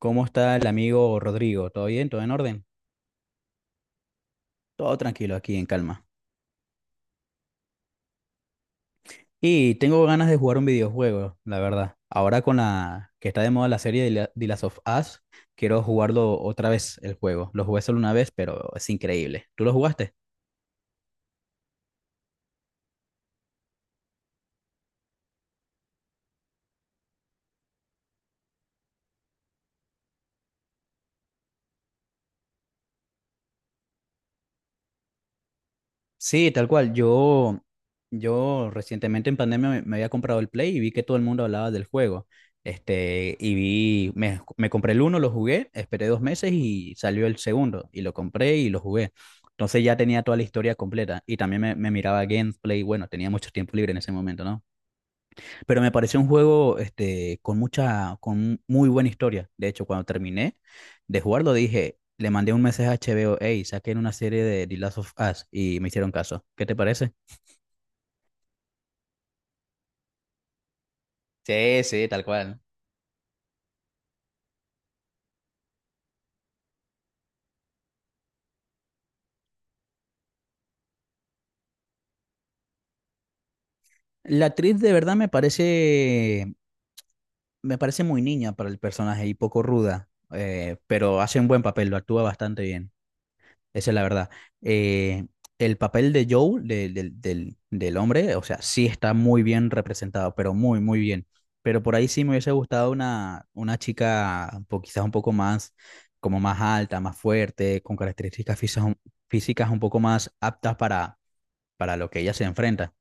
¿Cómo está el amigo Rodrigo? ¿Todo bien? ¿Todo en orden? Todo tranquilo aquí, en calma. Y tengo ganas de jugar un videojuego, la verdad. Ahora con la que está de moda la serie de The Last of Us, quiero jugarlo otra vez el juego. Lo jugué solo una vez, pero es increíble. ¿Tú lo jugaste? Sí, tal cual. Yo recientemente en pandemia me había comprado el Play y vi que todo el mundo hablaba del juego. Este, y vi, me compré el uno, lo jugué, esperé dos meses y salió el segundo. Y lo compré y lo jugué. Entonces ya tenía toda la historia completa. Y también me miraba gameplay. Bueno, tenía mucho tiempo libre en ese momento, ¿no? Pero me pareció un juego este, con mucha, con muy buena historia. De hecho, cuando terminé de jugarlo, dije, le mandé un mensaje a HBO, hey, saquen una serie de The Last of Us. Y me hicieron caso. ¿Qué te parece? Sí, sí, tal cual. La actriz de verdad me parece muy niña para el personaje y poco ruda, pero hace un buen papel, lo actúa bastante bien, esa es la verdad. Eh, el papel de Joe, del hombre, o sea, sí está muy bien representado, pero muy, muy bien. Pero por ahí sí me hubiese gustado una chica quizás un poco más, como más alta, más fuerte, con características físicas un poco más aptas para lo que ella se enfrenta.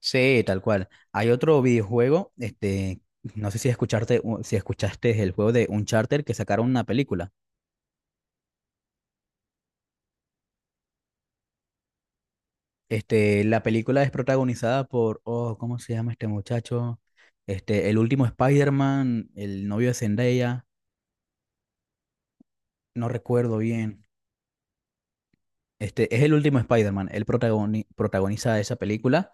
Sí, tal cual. Hay otro videojuego, este, no sé si escucharte, si escuchaste el juego de Uncharted que sacaron una película. Este, la película es protagonizada por, oh, ¿cómo se llama este muchacho? Este, el último Spider-Man, el novio de Zendaya, no recuerdo bien. Este, es el último Spider-Man, él protagoniza esa película.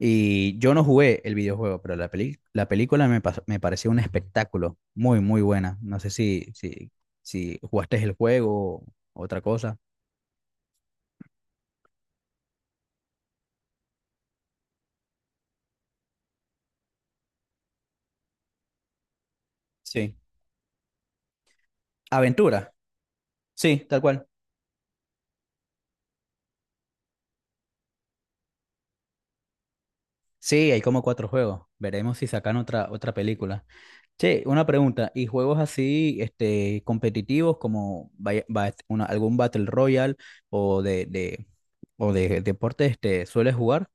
Y yo no jugué el videojuego, pero la la película me, me pareció un espectáculo muy, muy buena. No sé si jugaste el juego o otra cosa. Sí. Aventura, sí, tal cual. Sí, hay como cuatro juegos. Veremos si sacan otra, otra película. Che, una pregunta. ¿Y juegos así, este, competitivos como algún Battle Royale o de, de, o de deporte, este, sueles jugar?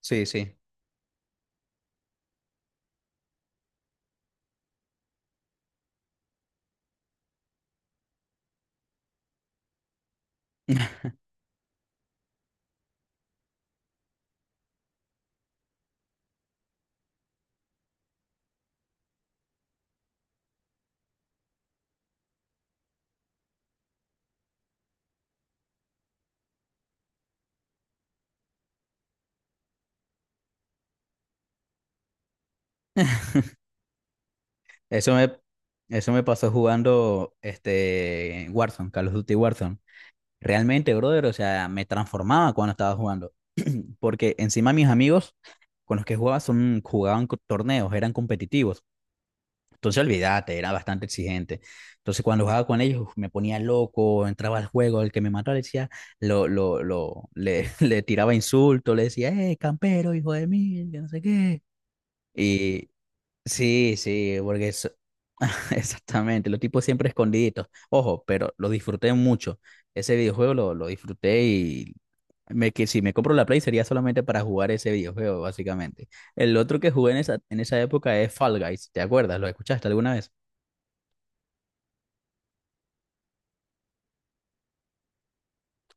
Sí, sí. Eso me, eso me pasó jugando este Warzone, Call of Duty Warzone. Realmente, brother, o sea, me transformaba cuando estaba jugando. Porque encima mis amigos con los que jugaba son, torneos, eran competitivos. Entonces, olvídate, era bastante exigente. Entonces, cuando jugaba con ellos, uf, me ponía loco, entraba al juego, el que me mató le decía, le tiraba insultos, le decía, campero, hijo de mil, que no sé qué. Sí, sí, porque eso... Exactamente, los tipos siempre escondiditos. Ojo, pero lo disfruté mucho. Ese videojuego lo disfruté y me, que si me compro la Play sería solamente para jugar ese videojuego, básicamente. El otro que jugué en esa época es Fall Guys, ¿te acuerdas? ¿Lo escuchaste alguna vez?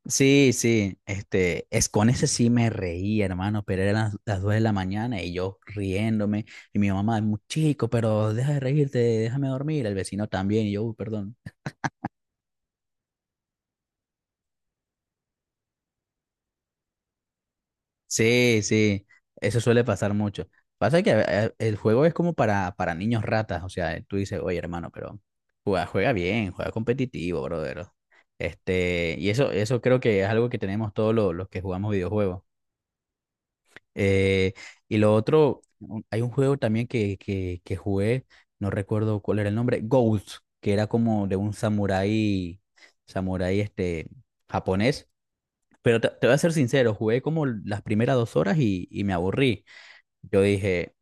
Sí, sí, este, es con ese sí me reía, hermano, pero eran las 2 de la mañana y yo riéndome y mi mamá, muy chico, pero deja de reírte, déjame dormir, el vecino también y yo, "Uy, perdón". Sí, sí, eso suele pasar mucho. Pasa que el juego es como para niños ratas, o sea, tú dices, oye, hermano, pero juega, juega bien, juega competitivo, brother. Este, y eso creo que es algo que tenemos todos los, que jugamos videojuegos. Eh, y lo otro, hay un juego también que jugué, no recuerdo cuál era el nombre, Ghost, que era como de un samurái, samurái este, japonés. Pero te voy a ser sincero, jugué como las primeras 2 horas y me aburrí. Yo dije,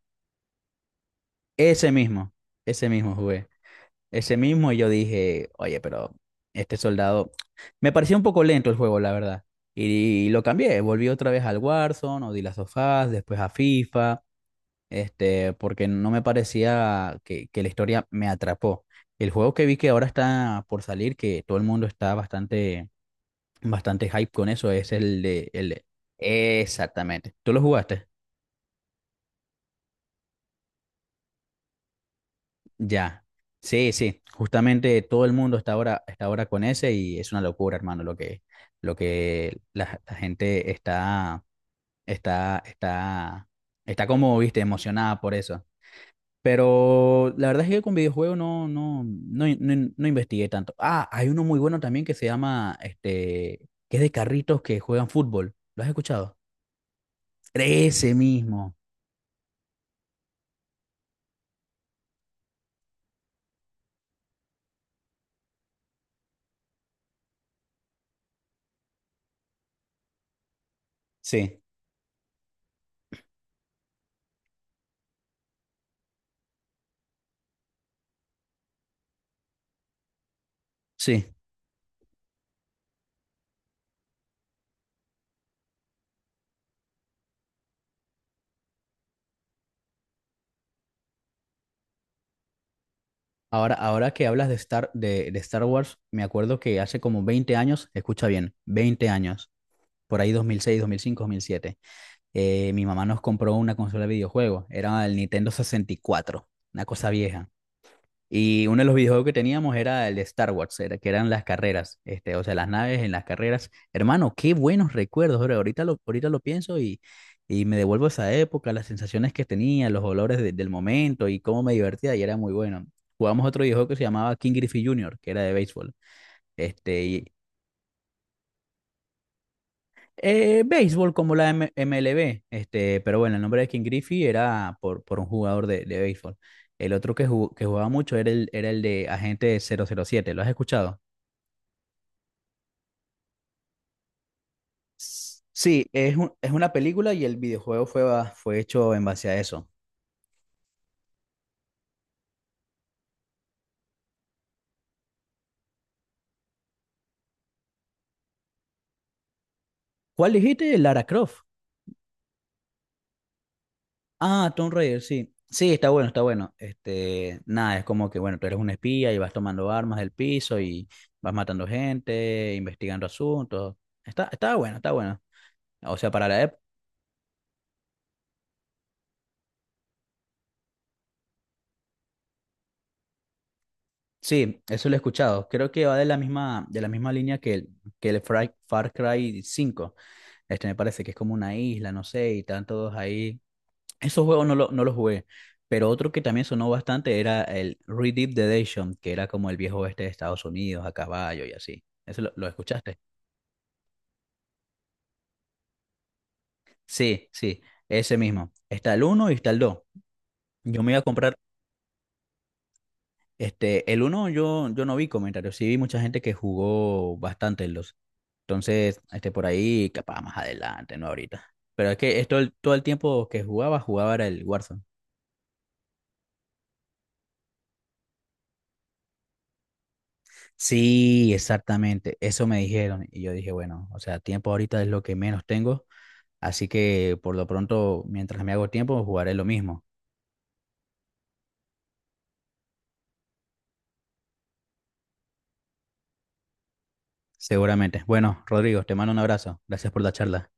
ese mismo, ese mismo jugué, ese mismo, y yo dije, oye, pero este soldado, me pareció un poco lento el juego, la verdad, y, lo cambié, volví otra vez al Warzone, o The Last of Us, después a FIFA, este, porque no me parecía que la historia me atrapó. El juego que vi que ahora está por salir, que todo el mundo está bastante, bastante hype con eso, es Exactamente, ¿tú lo jugaste? Ya, sí, sí, justamente todo el mundo está ahora con ese y es una locura, hermano, lo que la gente está, está, está como, viste, emocionada por eso. Pero la verdad es que con videojuegos no investigué tanto. Ah, hay uno muy bueno también que se llama, este, que es de carritos que juegan fútbol. ¿Lo has escuchado? Ese mismo. Sí, sí. Ahora, ahora que hablas de Star, de Star Wars, me acuerdo que hace como 20 años, escucha bien, 20 años, por ahí 2006, 2005, 2006, 2006, 2005, 2007, mi mamá nos compró una consola de videojuegos, era el Nintendo 64, una cosa vieja. Y uno de los videojuegos que teníamos era el de Star Wars, era, que eran las carreras, este, o sea, las naves en las carreras. Hermano, qué buenos recuerdos, bro. Ahorita lo pienso y me devuelvo a esa época, las sensaciones que tenía, los olores del momento y cómo me divertía y era muy bueno. Jugamos otro videojuego que se llamaba King Griffey Jr., que era de béisbol. Este, y, béisbol como la MLB, este, pero bueno, el nombre de King Griffey era por un jugador de béisbol. El otro que jugaba mucho era el de Agente 007, ¿lo has escuchado? Sí, es es una película y el videojuego fue, fue hecho en base a eso. ¿Cuál dijiste? Lara Croft. Ah, Tomb Raider, sí. Sí, está bueno, está bueno. Este, nada, es como que, bueno, tú eres un espía y vas tomando armas del piso y vas matando gente, investigando asuntos. Está, está bueno, está bueno. O sea, para la ep- Sí, eso lo he escuchado. Creo que va de la misma línea que el Far Cry 5. Este me parece que es como una isla, no sé, y están todos ahí. Esos juegos no, no los jugué, pero otro que también sonó bastante era el Red Dead Redemption, que era como el viejo oeste de Estados Unidos, a caballo y así. ¿Eso lo escuchaste? Sí, sí, ese mismo. Está el uno y está el 2. Yo me iba a comprar, este, el uno, yo no vi comentarios, sí vi mucha gente que jugó bastante en los. Entonces, este, por ahí, capaz más adelante, no ahorita. Pero es que esto, todo el tiempo que jugaba, jugaba era el Warzone. Sí, exactamente, eso me dijeron y yo dije, bueno, o sea, tiempo ahorita es lo que menos tengo, así que por lo pronto, mientras me hago tiempo, jugaré lo mismo, seguramente. Bueno, Rodrigo, te mando un abrazo, gracias por la charla.